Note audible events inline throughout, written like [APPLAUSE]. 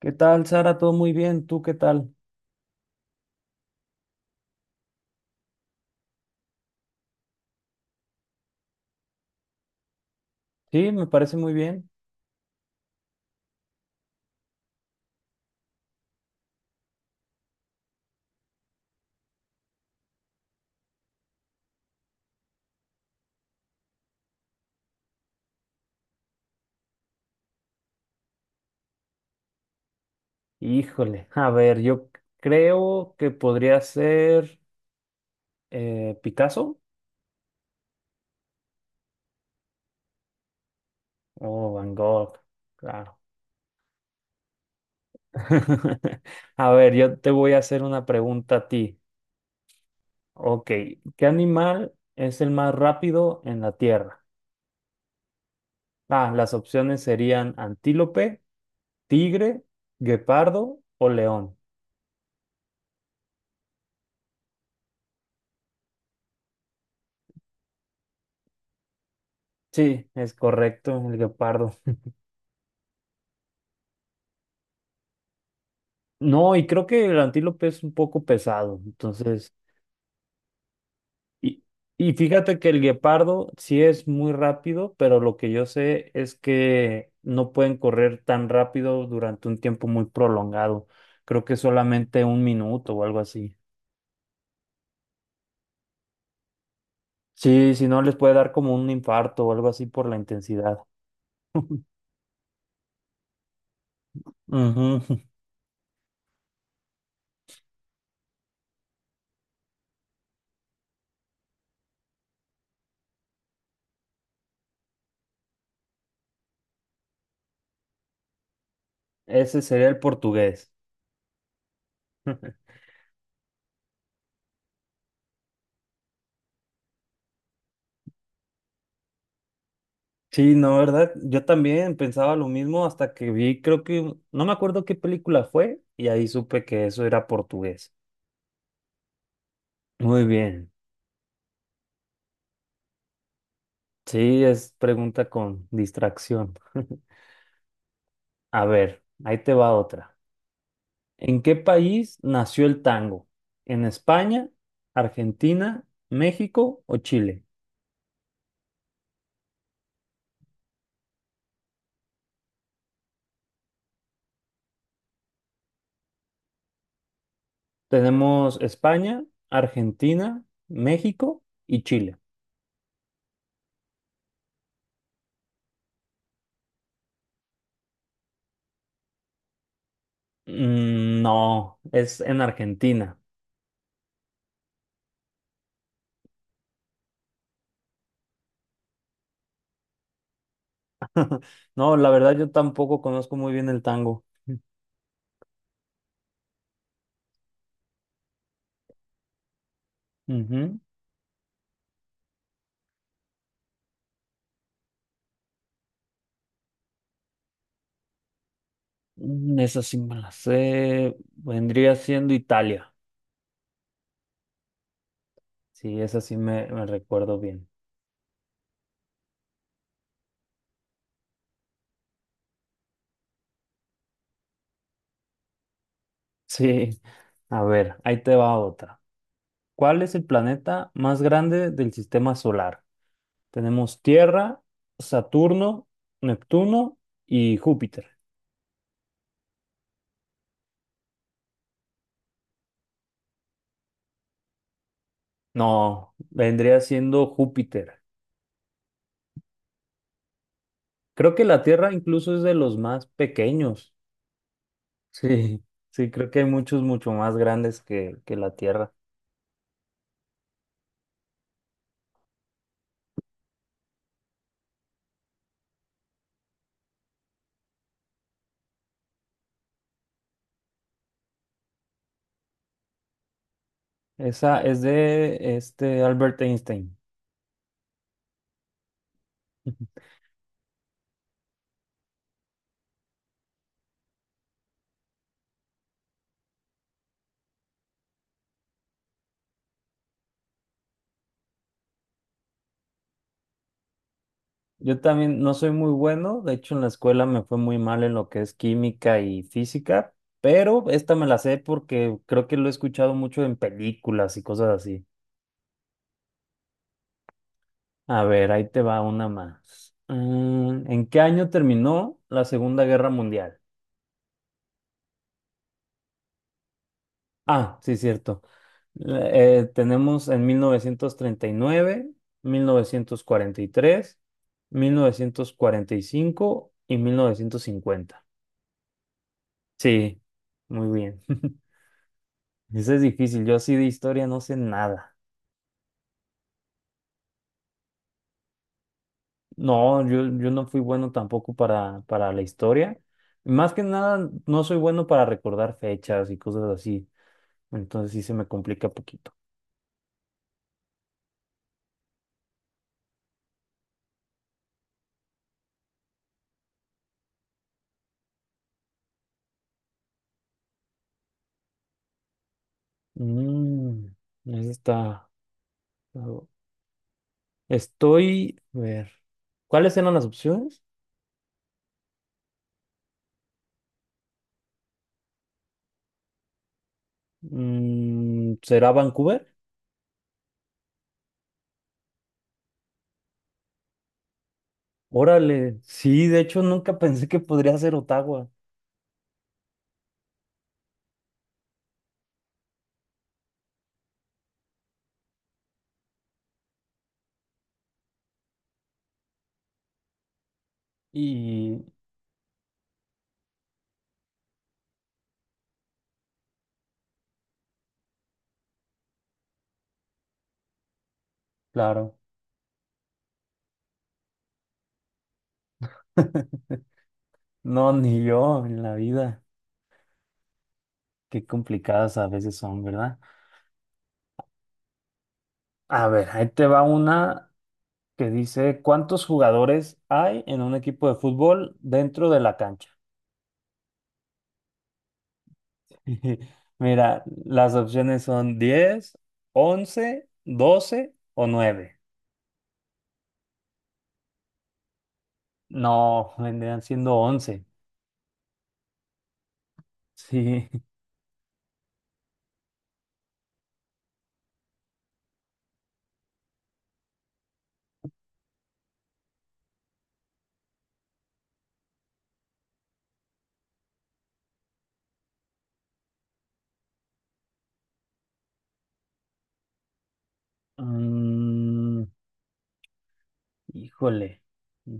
¿Qué tal, Sara? ¿Todo muy bien? ¿Tú qué tal? Sí, me parece muy bien. Híjole, a ver, yo creo que podría ser Picasso o Van Gogh, claro. [LAUGHS] A ver, yo te voy a hacer una pregunta a ti. Ok, ¿qué animal es el más rápido en la Tierra? Ah, las opciones serían antílope, tigre, guepardo o león. Sí, es correcto, el guepardo. No, y creo que el antílope es un poco pesado. Entonces, y, y fíjate que el guepardo sí es muy rápido, pero lo que yo sé es que no pueden correr tan rápido durante un tiempo muy prolongado. Creo que solamente 1 minuto o algo así. Sí, si no les puede dar como un infarto o algo así por la intensidad. Ujú. Ese sería el portugués. Sí, no, ¿verdad? Yo también pensaba lo mismo hasta que vi, creo que, no me acuerdo qué película fue, y ahí supe que eso era portugués. Muy bien. Sí, es pregunta con distracción. [LAUGHS] A ver, ahí te va otra. ¿En qué país nació el tango? ¿En España, Argentina, México o Chile? Tenemos España, Argentina, México y Chile. No, es en Argentina. No, la verdad yo tampoco conozco muy bien el tango. Ujú. Esa sí me la sé. Vendría siendo Italia. Sí, esa sí me recuerdo bien. [LAUGHS] Sí. A ver, ahí te va otra. ¿Cuál es el planeta más grande del sistema solar? Tenemos Tierra, Saturno, Neptuno y Júpiter. No, vendría siendo Júpiter. Creo que la Tierra incluso es de los más pequeños. Sí, sí, creo que hay muchos mucho más grandes que la Tierra. Esa es de este Albert Einstein. [LAUGHS] Yo también no soy muy bueno, de hecho en la escuela me fue muy mal en lo que es química y física, pero esta me la sé porque creo que lo he escuchado mucho en películas y cosas así. A ver, ahí te va una más. ¿En qué año terminó la Segunda Guerra Mundial? Ah, sí, cierto. Tenemos en 1939, mil novecientos cuarenta y tres, cinco 50. Sí, muy bien. [LAUGHS] Eso es difícil. Yo así de historia no sé nada. No, yo no fui bueno tampoco para la historia. Más que nada, no soy bueno para recordar fechas y cosas así. Entonces sí se me complica poquito. Mm, Eso está. Estoy, a ver, ¿cuáles eran las opciones? ¿Será Vancouver? Órale, sí, de hecho nunca pensé que podría ser Ottawa. Y claro, [LAUGHS] no, ni yo en la vida. Qué complicadas a veces son, ¿verdad? A ver, ahí te va una que dice, ¿cuántos jugadores hay en un equipo de fútbol dentro de la cancha? [LAUGHS] Mira, las opciones son 10, 11, 12 o 9. No, vendrían siendo 11. Sí. [LAUGHS] Mm, Híjole,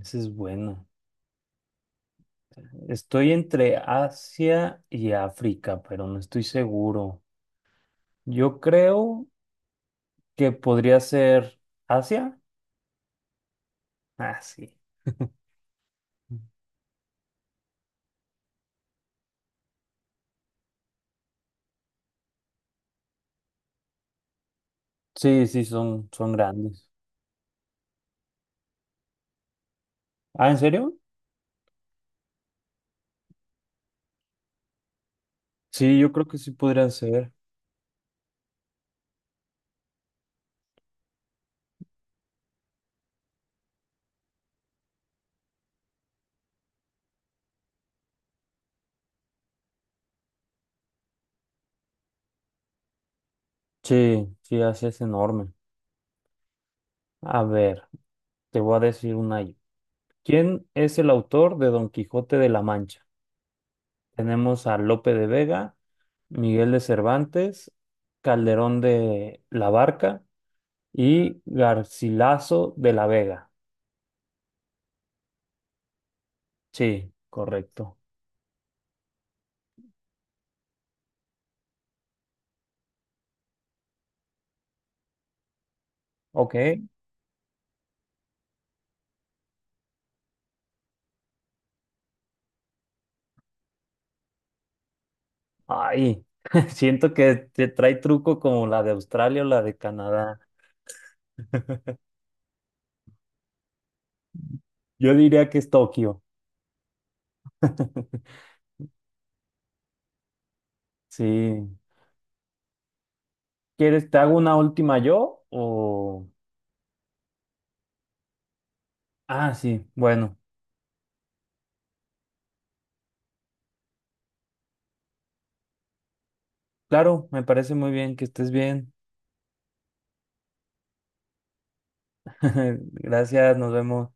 ese es bueno. Estoy entre Asia y África, pero no estoy seguro. Yo creo que podría ser Asia. Ah, sí. [LAUGHS] Sí, sí, son grandes. Ah, ¿en serio? Sí, yo creo que sí podrían ser. Sí, sí, Asia es enorme. A ver, te voy a decir una. Yo. ¿Quién es el autor de Don Quijote de la Mancha? Tenemos a Lope de Vega, Miguel de Cervantes, Calderón de la Barca y Garcilaso de la Vega. Sí, correcto. Ok. Ay, [LAUGHS] siento que te trae truco como la de Australia o la de Canadá. [LAUGHS] Yo diría que es Tokio. [LAUGHS] Sí. ¿Quieres, te hago una última yo o... Ah, sí, bueno, claro, me parece muy bien que estés bien. [LAUGHS] Gracias, nos vemos.